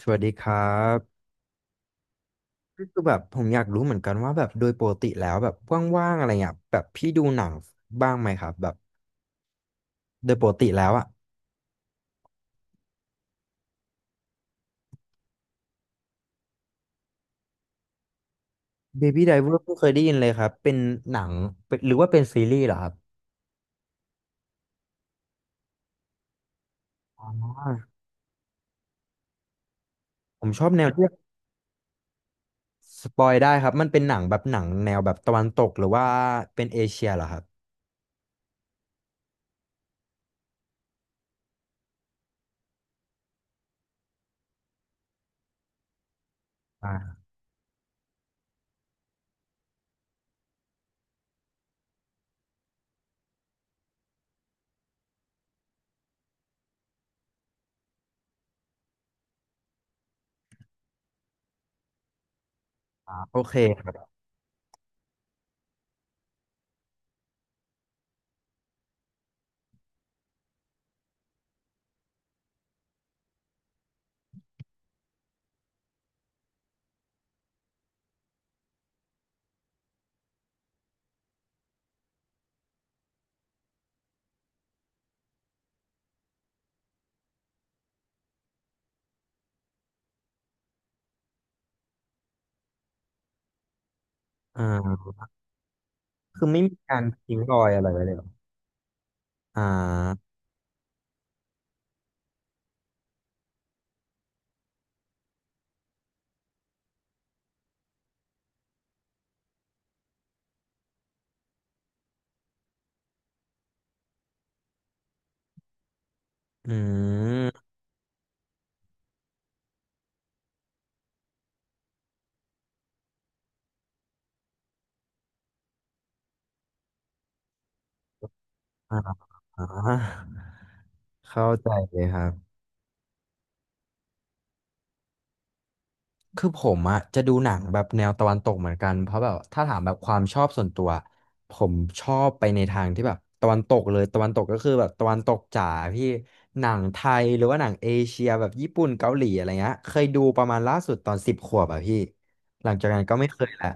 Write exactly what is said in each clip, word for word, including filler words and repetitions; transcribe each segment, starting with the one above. สวัสดีครับคือแบบผมอยากรู้เหมือนกันว่าแบบโดยปกติแล้วแบบว่างๆอะไรเงี้ยแบบพี่ดูหนังบ้างไหมครับแบบโดยปกติแล้วอะ Baby Driver เพิ่งเคยได้ยินเลยครับเป็นหนังเป็นหรือว่าเป็นซีรีส์เหรอครับอ๋อผมชอบแนวที่สปอยได้ครับมันเป็นหนังแบบหนังแนวแบบตะวันตกหรือว่าเป็นเอเชียเหรอครับอ่าอ่าโอเคครับอ่าคือไม่มีการทิ้งรอยอะไรไว้เลยเหรออ่าอืมอ่าเข้าใจเลยครับ คือผมอะจะดูหนังแบบแนวตะวันตกเหมือนกันเพราะแบบถ้าถามแบบความชอบส่วนตัวผมชอบไปในทางที่แบบตะวันตกเลยตะวันตกก็คือแบบตะวันตกจ๋าพี่หนังไทยหรือว่าหนังเอเชียแบบญี่ปุ่นเกาหลีอะไรเงี้ยเคยดูประมาณล่าสุดตอนสิบขวบอะพี่หลังจากนั้นก็ไม่เคยละ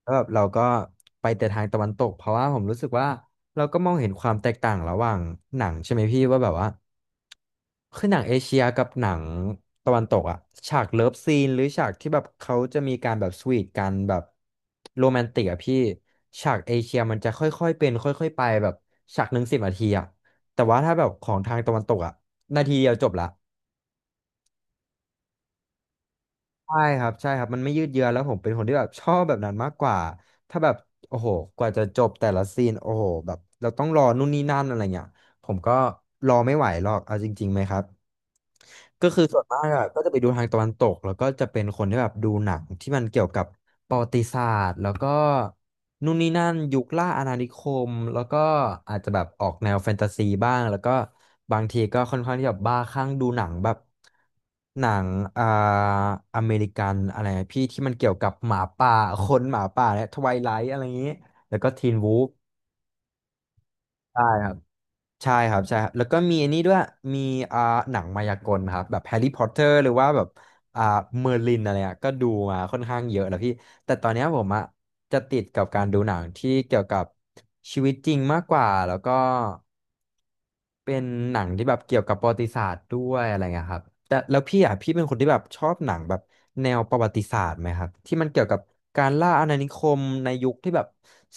แล้วแบบเราก็ไปแต่ทางตะวันตกเพราะว่าผมรู้สึกว่า เราก็มองเห็นความแตกต่างระหว่างหนังใช่ไหมพี่ว่าแบบว่าคือหนังเอเชียกับหนังตะวันตกอะฉากเลิฟซีนหรือฉากที่แบบเขาจะมีการแบบสวีทกันแบบโรแมนติกอะพี่ฉากเอเชียมันจะค่อยๆเป็นค่อยๆไปแบบฉากหนึ่งสิบนาทีอะแต่ว่าถ้าแบบของทางตะวันตกอะนาทีเดียวจบละ ใช่ครับใช่ครับมันไม่ยืดเยื้อแล้วผมเป็นคนที่แบบชอบแบบนั้นมากกว่าถ้าแบบโอ้โหกว่าจะจบแต่ละซีนโอ้โหแบบเราต้องรอนู่นนี่นั่นอะไรเงี้ยผมก็รอไม่ไหวหรอกเอาจริงๆไหมครับ ก็คือส่วนมากอะก็จะไปดูทางตะวันตกแล้วก็จะเป็นคนที่แบบดูหนังที่มันเกี่ยวกับประวัติศาสตร์แล้วก็นู่นนี่นั่นยุคล่าอาณานิคมแล้วก็อาจจะแบบออกแนวแฟนตาซีบ้างแล้วก็บางทีก็ค่อนข้างที่แบบบ้าคลั่งดูหนังแบบหนังอ่าอเมริกันอะไรพี่ที่มันเกี่ยวกับหมาป่าคนหมาป่าและทไวไลท์อะไรอย่างนี้แล้วก็ทีนวูฟได้ครับ ใช่ครับใช่ครับแล้วก็มีอันนี้ด้วยมีอ่าหนังมายากลครับแบบแฮร์รี่พอตเตอร์หรือว่าแบบอ่าเมอร์ลินอะไรอ่ะก็ดูมาค่อนข้างเยอะแล้วพี่แต่ตอนเนี้ยผมอ่ะจะติดกับการดูหนังที่เกี่ยวกับชีวิตจริงมากกว่าแล้วก็เป็นหนังที่แบบเกี่ยวกับประวัติศาสตร์ด้วยอะไรเงี้ยครับแต่แล้วพี่อ่ะพี่เป็นคนที่แบบชอบหนังแบบแนวประวัติศาสตร์ไหมครับที่มันเกี่ยวกับการล่าอาณานิคมในยุคที่แบบ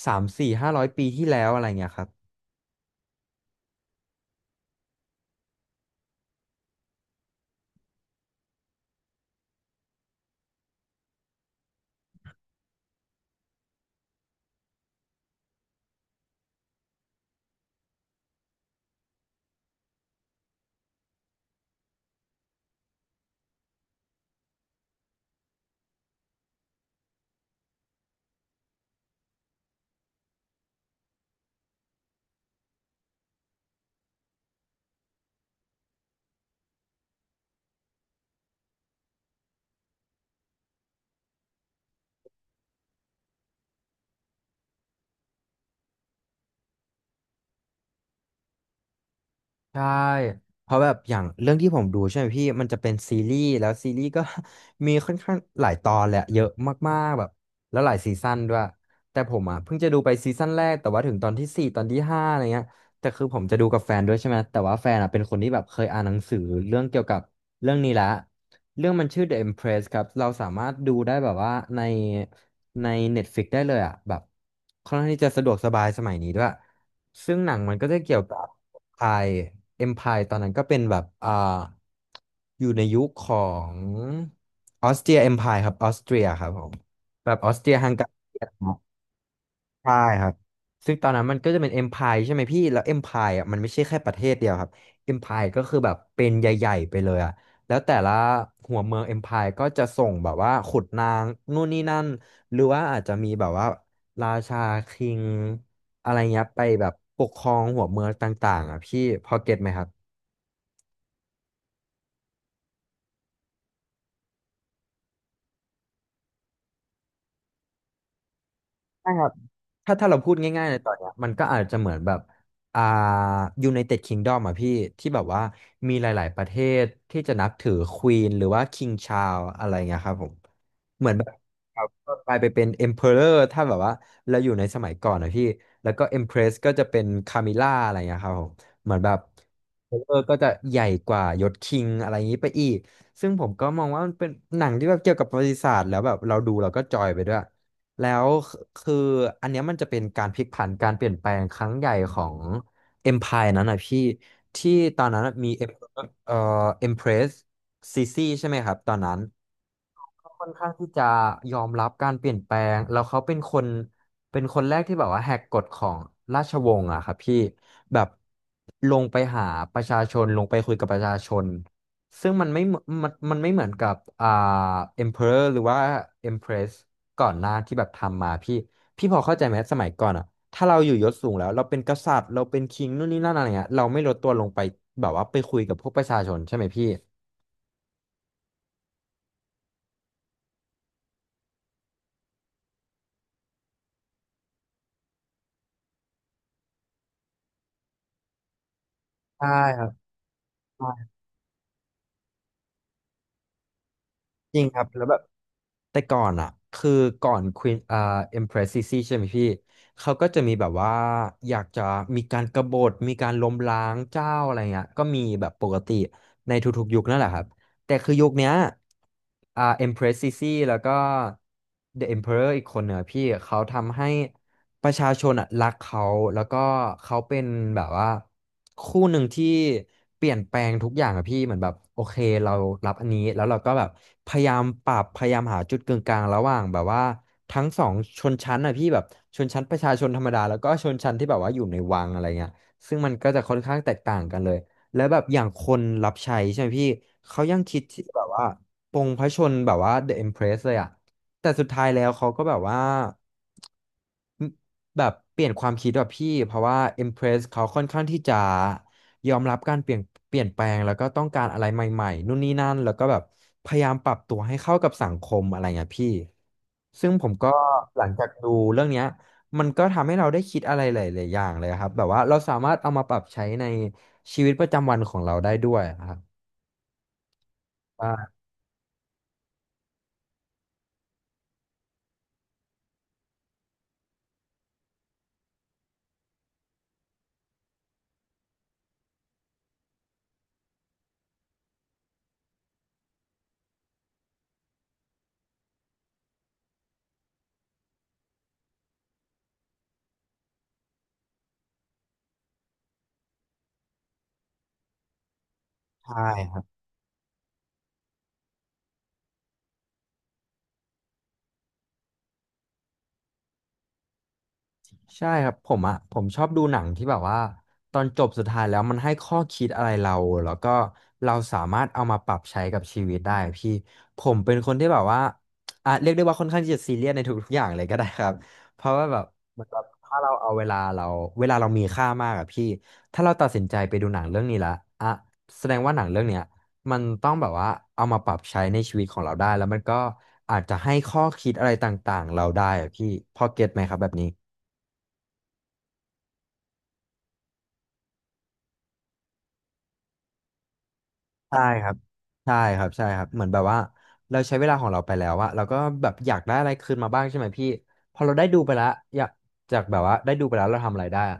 สามสี่ห้าร้อยปีที่แล้วอะไรเงี้ยครับ ใช่เพราะแบบอย่างเรื่องที่ผมดูใช่ไหมพี่มันจะเป็นซีรีส์แล้วซีรีส์ก็ มีค่อนข้างหลายตอนแหละเยอะมากๆแบบแล้วหลายซีซั่นด้วยแต่ผมอ่ะเพิ่งจะดูไปซีซั่นแรกแต่ว่าถึงตอนที่สี่ตอนที่ห้าอะไรเงี้ยแต่คือผมจะดูกับแฟนด้วยใช่ไหมแต่ว่าแฟนอ่ะเป็นคนที่แบบเคยอ่านหนังสือเรื่องเกี่ยวกับเรื่องนี้ละ เรื่องมันชื่อ The Empress ครับ เราสามารถดูได้แบบว่าในใน Netflix ได้เลยอ่ะแบบค่อนข้างที่จะสะดวกสบายสมัยนี้ด้วยซึ่งหนังมันก็จะเกี่ยวกับ Empire Empire ตอนนั้นก็เป็นแบบอ่าอยู่ในยุคของออสเตรีย Empire ครับออสเตรียครับผมแบบออสเตรียฮังการี ใช่ครับซึ่งตอนนั้นมันก็จะเป็น Empire ใช่ไหมพี่แล้ว Empire อ่ะมันไม่ใช่แค่ประเทศเดียวครับ Empire ก็คือแบบเป็นใหญ่ๆไปเลยอ่ะแล้วแต่ละหัวเมือง Empire ก็จะส่งแบบว่าขุดนางนู่นนี่นั่นหรือว่าอาจจะมีแบบว่าราชาคิงอะไรเงี้ยไปแบบปกครองหัวเมืองต่างๆอ่ะพี่พอเก็ตไหมครับ ถ้าถ้าเราพูดง่ายๆในตอนเนี้ยมันก็อาจจะเหมือนแบบอ่า United Kingdom อ่ะพี่ที่แบบว่ามีหลายๆประเทศที่จะนับถือควีนหรือว่าคิงชา r l ลอะไรเงี้ยครับผม เหมือนแบบครับก็กลายไปเป็น emperor ถ้าแบบว่าเราอยู่ในสมัยก่อนนะพี่แล้วก็ empress ก็จะเป็น camilla อะไรอย่างเงี้ยครับผมเหมือนแบบ emperor ก็จะใหญ่กว่ายศ king อะไรอย่างนี้ไปอีกซึ่งผมก็มองว่ามันเป็นหนังที่แบบเกี่ยวกับประวัติศาสตร์แล้วแบบเราดูเราก็จอยไปด้วยแล้วคืออันเนี้ยมันจะเป็นการพลิกผันการเปลี่ยนแปลงครั้งใหญ่ของ empire นั้นนะพี่ที่ตอนนั้นมี Emperor เอ่อ empress ซีซีใช่ไหมครับตอนนั้น ค่อนข้างที่จะยอมรับการเปลี่ยนแปลงแล้วเขาเป็นคนเป็นคนแรกที่แบบว่าแหกกฎของราชวงศ์อะครับพี่แบบลงไปหาประชาชนลงไปคุยกับประชาชนซึ่งมันไม่เหมือนมันมันไม่เหมือนกับอ่า emperor หรือว่า empress ก่อนหน้าที่แบบทำมาพี่พี่พอเข้าใจไหมสมัยก่อนอะถ้าเราอยู่ยศสูงแล้วเราเป็นกษัตริย์เราเป็นคิงนู่นนี่นั่นอะไรเงี้ยเราไม่ลดตัวลงไปแบบว่าไปคุยกับพวกประชาชนใช่ไหมพี่ใช่ครับใช่จริงครับแล้วแบบ แต่ก่อนอ่ะคือก่อนควีนอ่าเอ็มเพรสซิซี่ใช่ไหมพี่เขาก็จะมีแบบว่าอยากจะมีการกบฏมีการล้มล้างเจ้าอะไรเงี้ยก็มีแบบปกติในทุกๆยุคนั่นแหละครับแต่คือยุคเนี้ยอ่าเอ็มเพรสซิซี่แล้วก็เดอะเอ็มเพอเรอร์อีกคนเนี่ยพี่เขาทำให้ ประชาชนอ่ะรักเขาแล้วก็เขาเป็นแบบว่าคู่หนึ่งที่เปลี่ยนแปลงทุกอย่างอะพี่เหมือนแบบโอเคเรารับอันนี้แล้วเราก็แบบพยายามปรับพยายามหาจุดกึ่งกลางระหว่างแบบว่าทั้งสองชนชั้นอ่ะพี่แบบชนชั้นประชาชนธรรมดาแล้วก็ชนชั้นที่แบบว่าอยู่ในวังอะไรเงี้ยซึ่งมันก็จะค่อนข้างแตกต่างกันเลยแล้วแบบอย่างคนรับใช้ใช่ไหมพี่เขายังคิดที่แบบว่าปลงพระชนแบบว่า The Empress เลยอ่ะแต่สุดท้ายแล้วเขาก็แบบว่า แบบเปลี่ยนความคิดแบบพี่เพราะว่า Empress เขาค่อนข้างที่จะยอมรับการเปลี่ยนเปลี่ยนแปลงแล้วก็ต้องการอะไรใหม่ๆนู่นนี่นั่นแล้วก็แบบพยายามปรับตัวให้เข้ากับสังคมอะไรเงี้ยพี่ซึ่งผมก็หลังจากดูเรื่องเนี้ยมันก็ทำให้เราได้คิดอะไรหลายๆอย่างเลยครับแบบว่าเราสามารถเอามาปรับใช้ในชีวิตประจำวันของเราได้ด้วยครับว่าใช่ ใช่ครับผมอ่ะผมชอบดูหนังที่แบบว่าตอนจบสุดท้ายแล้วมันให้ข้อคิดอะไรเราแล้วก็เราสามารถเอามาปรับใช้กับชีวิตได้พี่ผมเป็นคนที่แบบว่าอ่ะเรียกได้ว่าค่อนข้างที่จะซีเรียสในทุกๆอย่างเลยก็ได้ครับเพราะว่าแบบเหมือนแบบถ้าเราเอาเวลาเราเวลาเรามีค่ามากอะพี่ถ้าเราตัดสินใจไปดูหนังเรื่องนี้ละอ่ะแสดงว่าหนังเรื่องเนี้ยมันต้องแบบว่าเอามาปรับใช้ในชีวิตของเราได้แล้วมันก็อาจจะให้ข้อคิดอะไรต่างๆเราได้อะพี่พอเก็ตไหมครับแบบนี้ ใช่ครับใช่ครับใช่ครับเหมือนแบบว่าเราใช้เวลาของเราไปแล้วอะเราก็แบบอยากได้อะไรคืนมาบ้างใช่ไหมพี่พอเราได้ดูไปแล้วอยากจากแบบว่าได้ดูไปแล้วเราทำอะไรได้อะ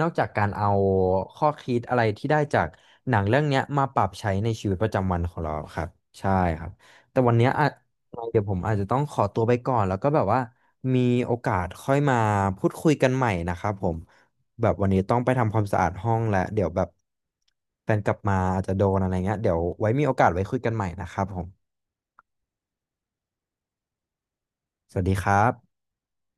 นอกจากการเอาข้อคิดอะไรที่ได้จากหนังเรื่องเนี้ยมาปรับใช้ในชีวิตประจำวันของเราครับใช่ครับแต่วันเนี้ยอะเดี๋ยวผมอาจจะต้องขอตัวไปก่อนแล้วก็แบบว่ามีโอกาสค่อยมาพูดคุยกันใหม่นะครับผม แบบวันนี้ต้องไปทำความสะอาดห้องแล้วเดี๋ยวแบบแฟนกลับมาอาจจะโดนอะไรเงี้ยเดี๋ยวไว้มีโอกาสไว้คุยกันใหม่นะครับผมสวัสดีครับ